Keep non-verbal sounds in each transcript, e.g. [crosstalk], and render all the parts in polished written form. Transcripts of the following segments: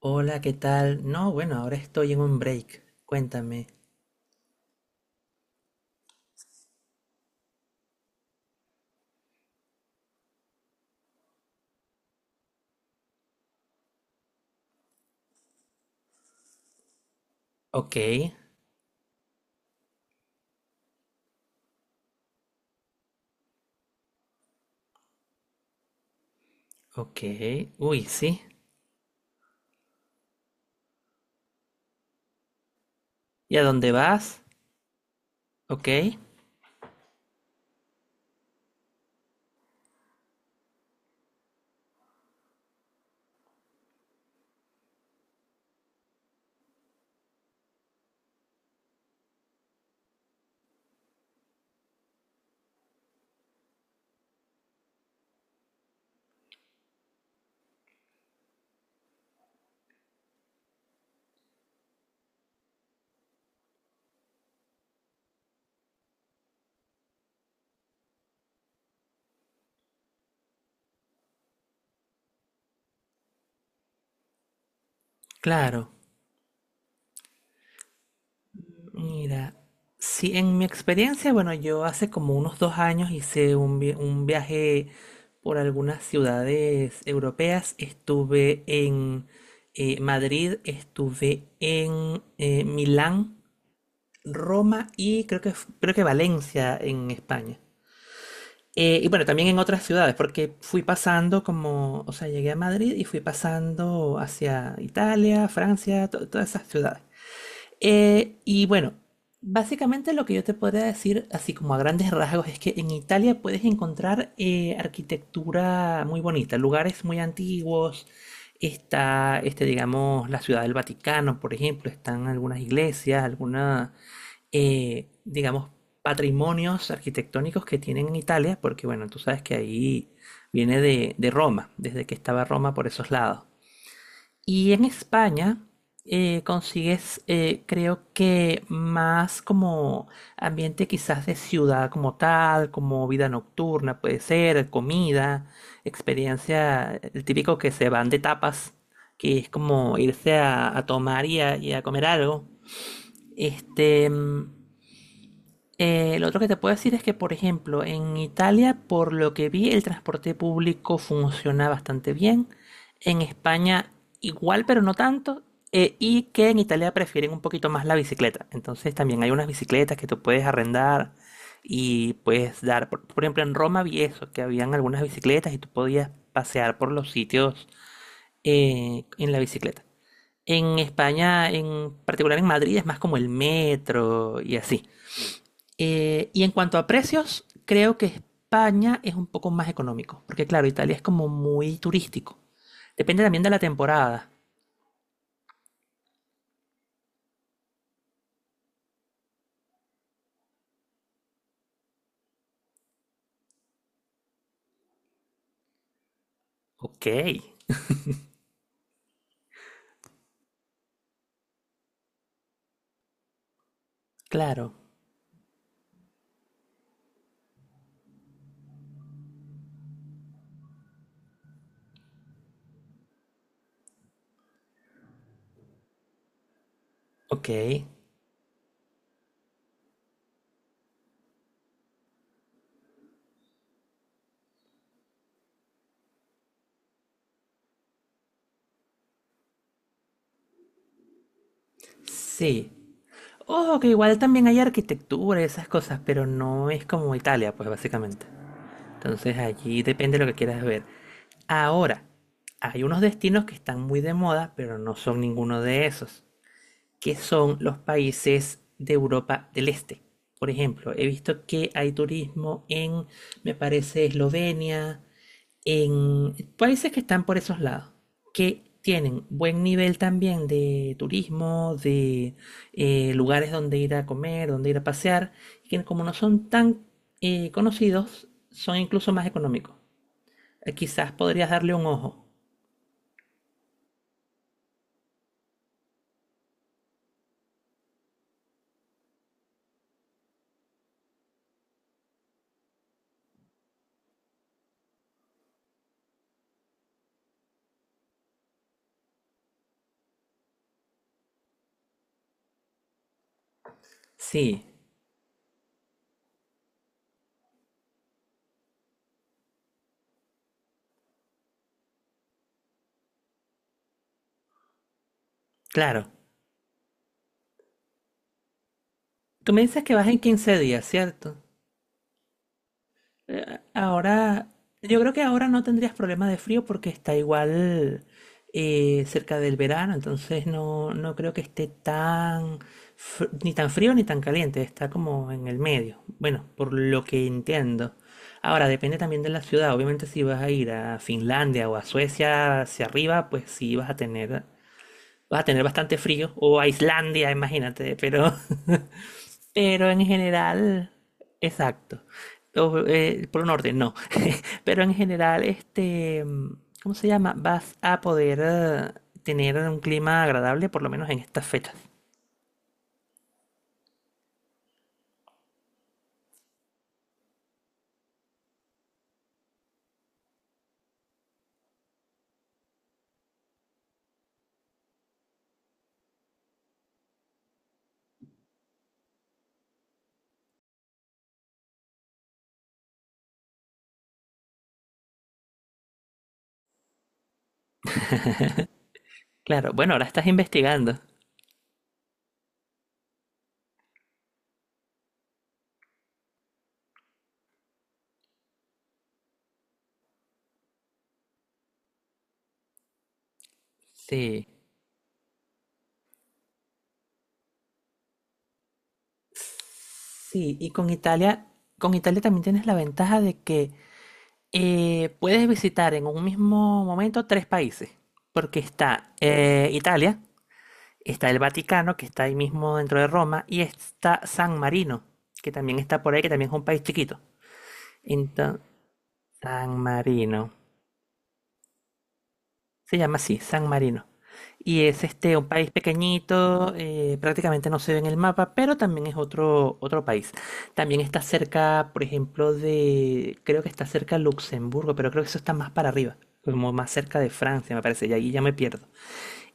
Hola, ¿qué tal? No, bueno, ahora estoy en un break. Cuéntame. Ok, ok. Uy, sí. ¿Y a dónde vas? Ok, claro. Mira, sí, en mi experiencia, bueno, yo hace como unos 2 años hice un viaje por algunas ciudades europeas. Estuve en Madrid, estuve en Milán, Roma y creo que, creo que Valencia en España. Y bueno, también en otras ciudades, porque fui pasando como, o sea, llegué a Madrid y fui pasando hacia Italia, Francia, todas esas ciudades. Y bueno, básicamente lo que yo te podría decir, así como a grandes rasgos, es que en Italia puedes encontrar arquitectura muy bonita, lugares muy antiguos. Está, este, digamos, la Ciudad del Vaticano, por ejemplo, están algunas iglesias, algunas, digamos, patrimonios arquitectónicos que tienen en Italia, porque bueno, tú sabes que ahí viene de Roma, desde que estaba Roma por esos lados. Y en España consigues, creo que más como ambiente quizás de ciudad como tal, como vida nocturna puede ser, comida, experiencia, el típico que se van de tapas, que es como irse a tomar y a comer algo. Este, lo otro que te puedo decir es que, por ejemplo, en Italia, por lo que vi, el transporte público funciona bastante bien. En España, igual, pero no tanto. Y que en Italia prefieren un poquito más la bicicleta. Entonces, también hay unas bicicletas que tú puedes arrendar y puedes dar. Por ejemplo, en Roma vi eso, que habían algunas bicicletas y tú podías pasear por los sitios en la bicicleta. En España, en particular en Madrid, es más como el metro y así. Y en cuanto a precios, creo que España es un poco más económico, porque claro, Italia es como muy turístico. Depende también de la temporada. Ok, claro, ok, sí. Ojo, que igual también hay arquitectura y esas cosas, pero no es como Italia, pues básicamente. Entonces allí depende de lo que quieras ver. Ahora, hay unos destinos que están muy de moda, pero no son ninguno de esos, que son los países de Europa del Este. Por ejemplo, he visto que hay turismo en, me parece, Eslovenia, en países que están por esos lados, que tienen buen nivel también de turismo, de lugares donde ir a comer, donde ir a pasear, y que como no son tan conocidos, son incluso más económicos. Quizás podrías darle un ojo. Sí, claro. Tú me dices que vas en 15 días, ¿cierto? Ahora, yo creo que ahora no tendrías problema de frío porque está igual cerca del verano, entonces no, no creo que esté tan, ni tan frío ni tan caliente, está como en el medio. Bueno, por lo que entiendo. Ahora, depende también de la ciudad. Obviamente, si vas a ir a Finlandia o a Suecia hacia arriba, pues sí vas a tener bastante frío. O a Islandia, imagínate, pero [laughs] Pero en general, exacto. O, por un orden, no. [laughs] Pero en general, este, ¿cómo se llama? Vas a poder tener un clima agradable, por lo menos en estas fechas. Claro, bueno, ahora estás investigando. Sí. Sí, y con Italia también tienes la ventaja de que puedes visitar en un mismo momento tres países, porque está Italia, está el Vaticano, que está ahí mismo dentro de Roma, y está San Marino, que también está por ahí, que también es un país chiquito. Ento- San Marino. Se llama así, San Marino. Y es este un país pequeñito, prácticamente no se ve en el mapa, pero también es otro, otro país. También está cerca, por ejemplo, de, creo que está cerca de Luxemburgo, pero creo que eso está más para arriba, como más cerca de Francia, me parece, y ahí ya me pierdo.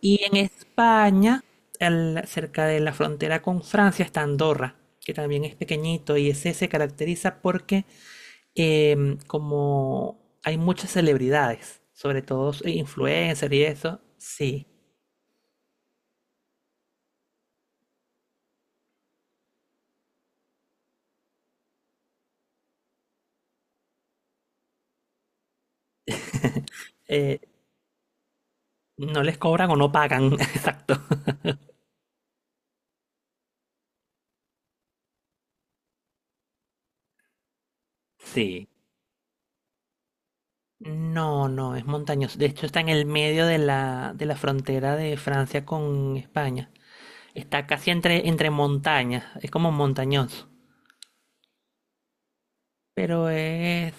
Y en España, cerca de la frontera con Francia, está Andorra, que también es pequeñito y ese se caracteriza porque como hay muchas celebridades, sobre todo influencers y eso, sí, eh, no les cobran o no pagan, [laughs] exacto. Sí. No, no, es montañoso. De hecho, está en el medio de la frontera de Francia con España. Está casi entre, entre montañas, es como montañoso. Pero es,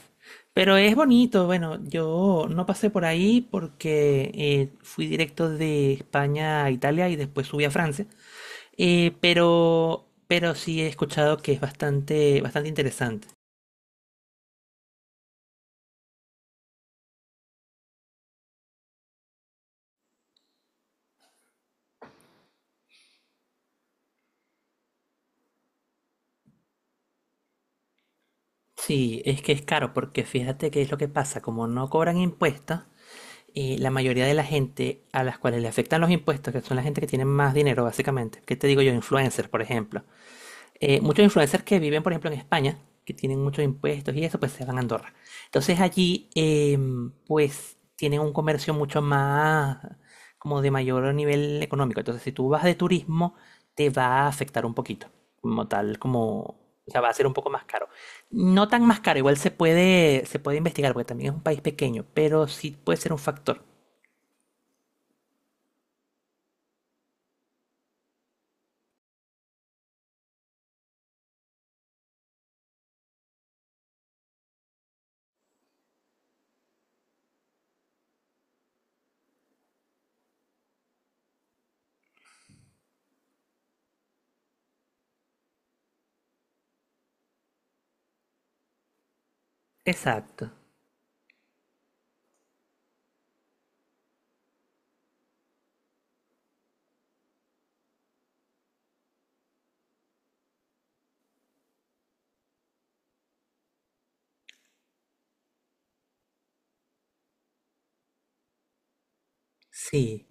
pero es bonito. Bueno, yo no pasé por ahí porque fui directo de España a Italia y después subí a Francia. Pero sí he escuchado que es bastante, bastante interesante. Sí, es que es caro porque fíjate qué es lo que pasa. Como no cobran impuestos, la mayoría de la gente a las cuales le afectan los impuestos, que son la gente que tiene más dinero básicamente. ¿Qué te digo yo? Influencers, por ejemplo. Muchos influencers que viven, por ejemplo, en España, que tienen muchos impuestos y eso, pues se van a Andorra. Entonces allí, pues, tienen un comercio mucho más, como de mayor nivel económico. Entonces, si tú vas de turismo, te va a afectar un poquito, como tal, como, o sea, va a ser un poco más caro. No tan más caro, igual se puede investigar, porque también es un país pequeño, pero sí puede ser un factor. Exacto. Sí.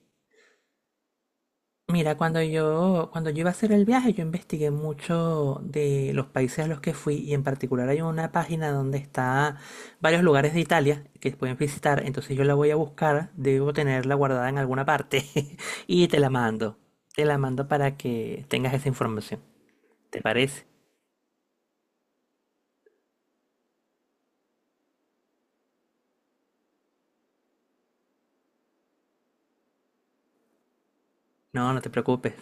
Mira, cuando yo iba a hacer el viaje, yo investigué mucho de los países a los que fui y en particular hay una página donde está varios lugares de Italia que pueden visitar, entonces yo la voy a buscar, debo tenerla guardada en alguna parte [laughs] y te la mando para que tengas esa información. ¿Te parece? No, no te preocupes.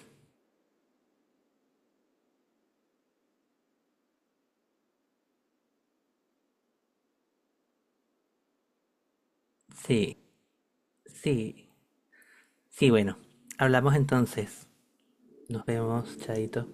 Sí, sí, sí, bueno, hablamos entonces. Nos vemos, Chaito.